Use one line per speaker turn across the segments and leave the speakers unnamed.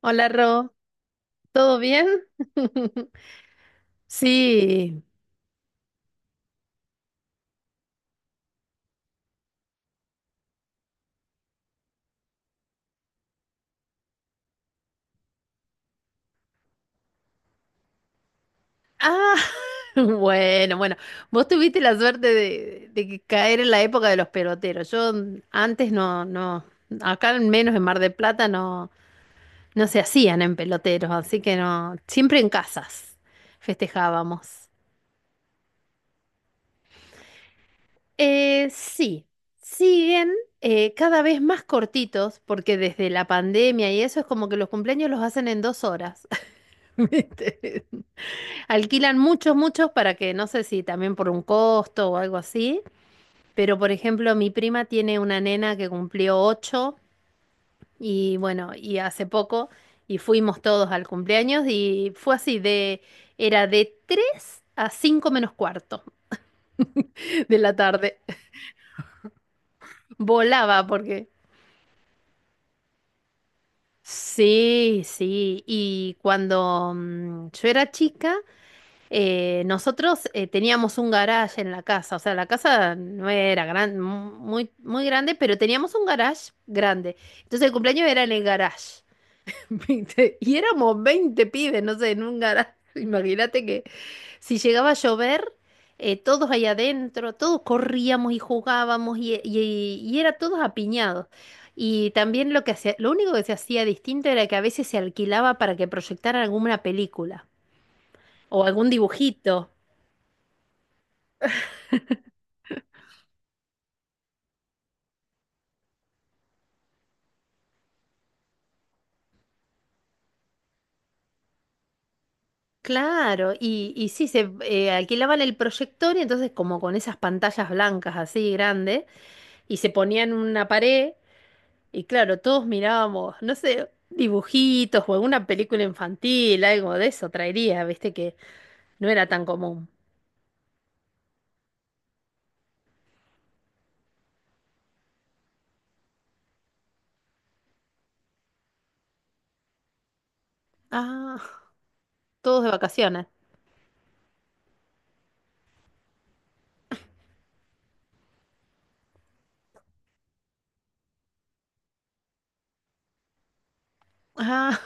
Hola, Ro. ¿Todo bien? Sí. Ah, bueno, bueno. Vos tuviste la suerte de que caer en la época de los peloteros. Yo antes no, no, acá al menos en Mar del Plata no, no se hacían en peloteros, así que no, siempre en casas festejábamos. Sí, siguen cada vez más cortitos, porque desde la pandemia y eso es como que los cumpleaños los hacen en 2 horas. ¿Viste? Alquilan muchos, muchos para que, no sé si también por un costo o algo así, pero por ejemplo, mi prima tiene una nena que cumplió 8 y bueno, y hace poco y fuimos todos al cumpleaños y fue así de, era de 3 a 5 menos cuarto de la tarde. Volaba porque... Sí, sí, y cuando yo era chica... Nosotros teníamos un garage en la casa, o sea, la casa no era gran, muy, muy grande, pero teníamos un garage grande. Entonces el cumpleaños era en el garage, ¿viste? Y éramos 20 pibes, no sé, en un garage. Imagínate que si llegaba a llover, todos ahí adentro, todos corríamos y jugábamos y era todos apiñados. Y también lo que hacía, lo único que se hacía distinto era que a veces se alquilaba para que proyectaran alguna película o algún dibujito. Claro, y sí, se alquilaban el proyector y entonces como con esas pantallas blancas así grandes y se ponían una pared y claro, todos mirábamos, no sé, dibujitos o alguna película infantil, algo de eso traería, viste que no era tan común. Ah, todos de vacaciones. Ah,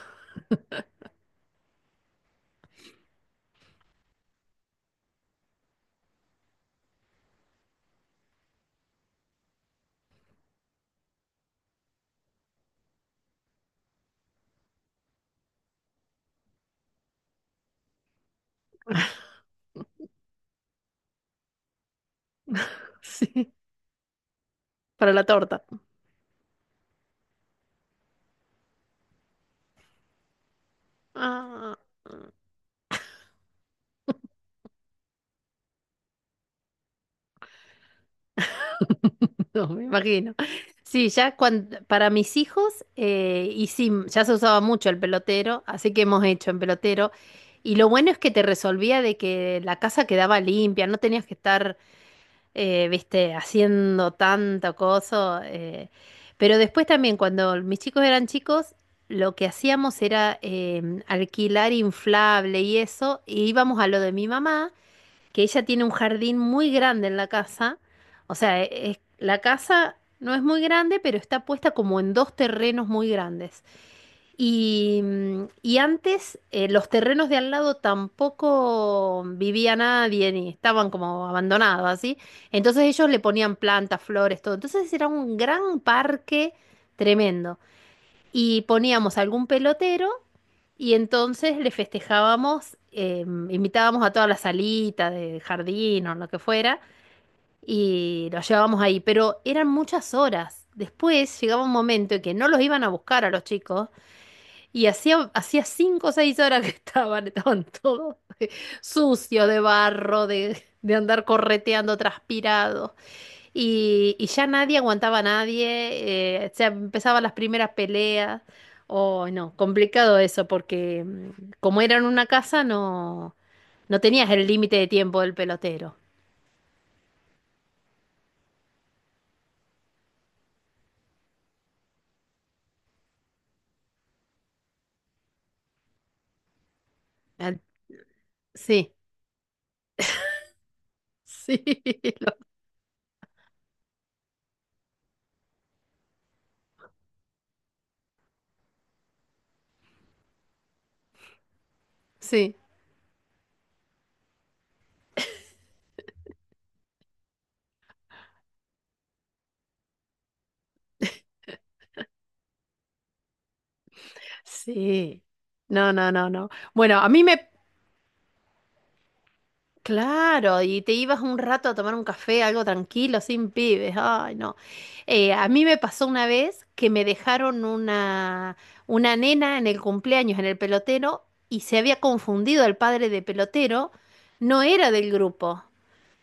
sí, para la torta. Ah. No, me imagino. Sí, ya para mis hijos, y sí, ya se usaba mucho el pelotero, así que hemos hecho en pelotero. Y lo bueno es que te resolvía de que la casa quedaba limpia, no tenías que estar, viste, haciendo tanto coso. Pero después también, cuando mis chicos eran chicos, lo que hacíamos era alquilar inflable y eso, y íbamos a lo de mi mamá que ella tiene un jardín muy grande en la casa. O sea, la casa no es muy grande, pero está puesta como en dos terrenos muy grandes. Y antes los terrenos de al lado tampoco vivía nadie ni estaban como abandonados, así. Entonces ellos le ponían plantas, flores, todo. Entonces era un gran parque tremendo. Y poníamos algún pelotero. Y entonces le festejábamos, invitábamos a todas las salitas de jardín o lo que fuera y los llevábamos ahí, pero eran muchas horas. Después llegaba un momento en que no los iban a buscar a los chicos y hacía 5 o 6 horas que estaban todos sucios de barro, de andar correteando, transpirados. Y ya nadie aguantaba a nadie, o empezaban las primeras peleas. O no, complicado eso, porque como era en una casa, no, no tenías el límite de tiempo del pelotero. Al- Sí, sí, lo- sí, sí. No, no, no, no. Bueno, a mí me... Claro, y te ibas un rato a tomar un café, algo tranquilo, sin pibes. Ay, no. A mí me pasó una vez que me dejaron una nena en el cumpleaños, en el pelotero, y se había confundido el padre de pelotero, no era del grupo.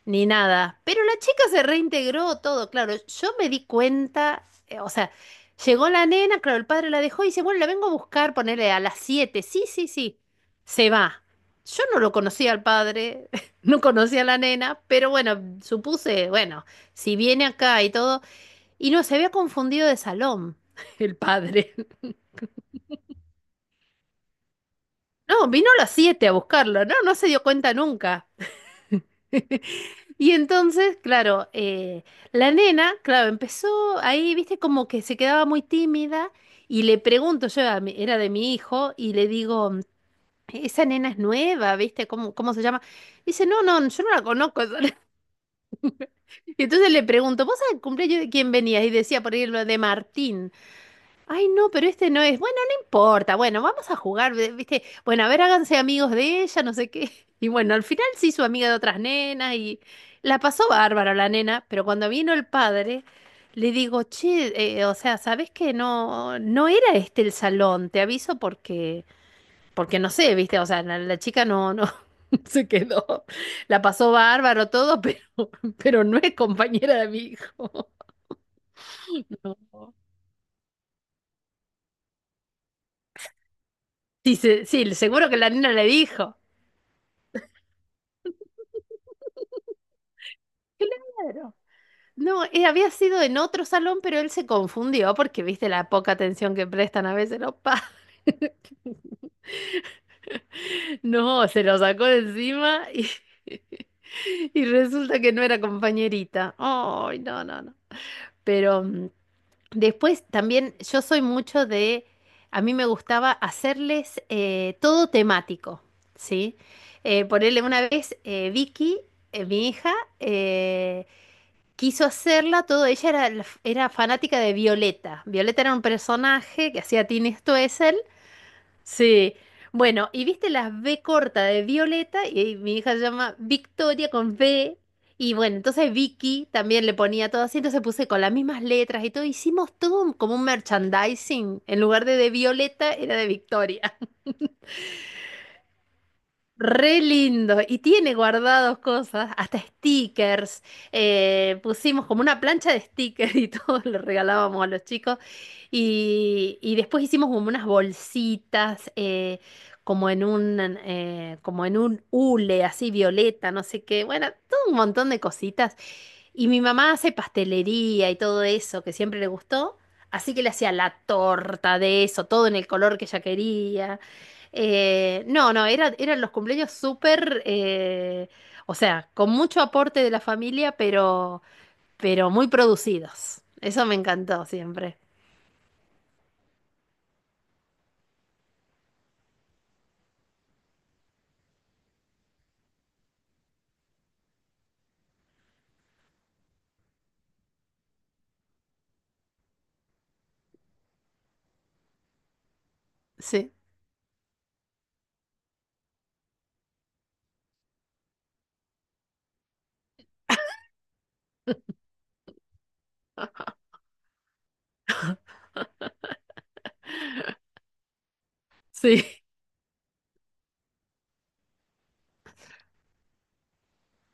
Ni nada. Pero la chica se reintegró todo, claro. Yo me di cuenta, o sea, llegó la nena, claro, el padre la dejó y dice, bueno, la vengo a buscar, ponerle a las 7. Sí, sí, sí. Se va. Yo no lo conocía al padre, no conocía a la nena, pero bueno, supuse, bueno, si viene acá y todo, y no, se había confundido de salón el padre. No, vino a las 7 a buscarlo, no, no se dio cuenta nunca. Y entonces, claro, la nena, claro, empezó ahí, viste, como que se quedaba muy tímida y le pregunto, yo era de mi hijo, y le digo, "Mm, esa nena es nueva, viste, ¿cómo se llama? Dice, no, no, yo no la conozco. Y entonces le pregunto, ¿vos al cumpleaños de quién venías? Y decía, por ejemplo, de Martín. Ay, no, pero este no es. Bueno, no importa. Bueno, vamos a jugar, ve- ¿viste? Bueno, a ver, háganse amigos de ella, no sé qué. Y bueno, al final se hizo amiga de otras nenas y la pasó bárbaro la nena, pero cuando vino el padre, le digo, che, o sea, ¿sabés que no, no era este el salón? Te aviso porque, no sé, ¿viste? O sea, la chica no, no se quedó. La pasó bárbaro todo, pero pero no es compañera de mi hijo. Sí, sí, seguro que la nena le dijo. Claro. No, había sido en otro salón, pero él se confundió porque viste la poca atención que prestan a veces los padres. No, se lo sacó de encima y y resulta que no era compañerita. Ay, no, no, no. Pero después también yo soy mucho de, a mí me gustaba hacerles todo temático, ¿sí? Ponerle una vez Vicky, mi hija, eh, quiso hacerla, todo ella era, la era fanática de Violeta. Violeta era un personaje que hacía Tini Stoessel. Sí. Bueno, y viste las B corta de Violeta, y mi hija se llama Victoria con V. Y bueno, entonces Vicky también le ponía todo así, entonces puse con las mismas letras y todo. Hicimos todo un- como un merchandising. En lugar de Violeta, era de Victoria. Re lindo. Y tiene guardados cosas, hasta stickers. Pusimos como una plancha de stickers y todo lo regalábamos a los chicos. Y después hicimos como unas bolsitas, como en un hule así violeta, no sé qué. Bueno, todo un montón de cositas. Y mi mamá hace pastelería y todo eso, que siempre le gustó. Así que le hacía la torta de eso, todo en el color que ella quería. No, no, eran los cumpleaños súper, o sea, con mucho aporte de la familia, pero muy producidos. Eso me encantó siempre. Sí, sí,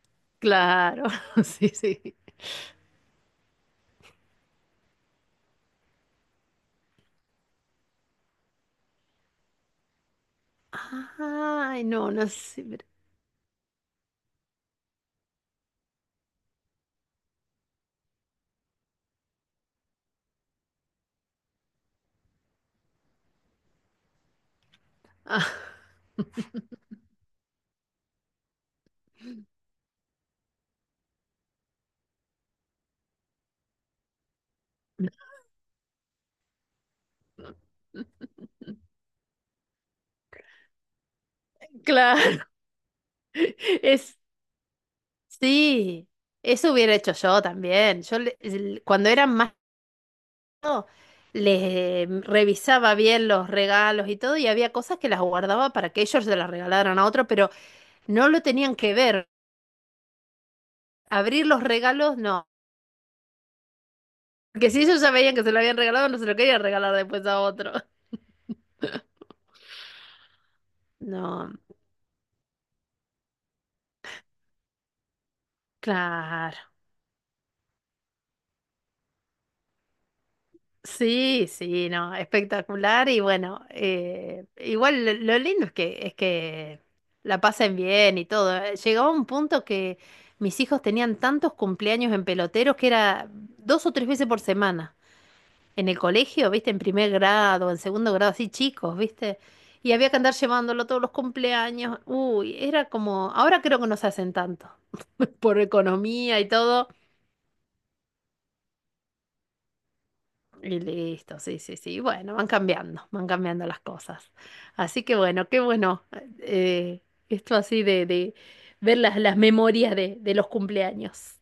claro, sí, sí. Ay, no, no sé, pero... Ah, claro, es, sí, eso hubiera hecho yo también. Yo le- el- cuando eran más les revisaba bien los regalos y todo, y había cosas que las guardaba para que ellos se las regalaran a otro, pero no lo tenían que ver. Abrir los regalos, no. Porque si ellos ya veían que se lo habían regalado, no se lo querían regalar después a otro. No, claro. Sí, sí, no, espectacular y bueno, igual lo lindo es que la pasen bien y todo. Llegaba un punto que mis hijos tenían tantos cumpleaños en peloteros que era dos o tres veces por semana en el colegio, viste, en primer grado, en segundo grado, así chicos, viste, y había que andar llevándolo todos los cumpleaños. Uy, era como, ahora creo que no se hacen tanto por economía y todo. Y listo, sí, sí, sí. Bueno, van cambiando las cosas. Así que bueno, qué bueno. eh, Esto así de ver las memorias de los cumpleaños.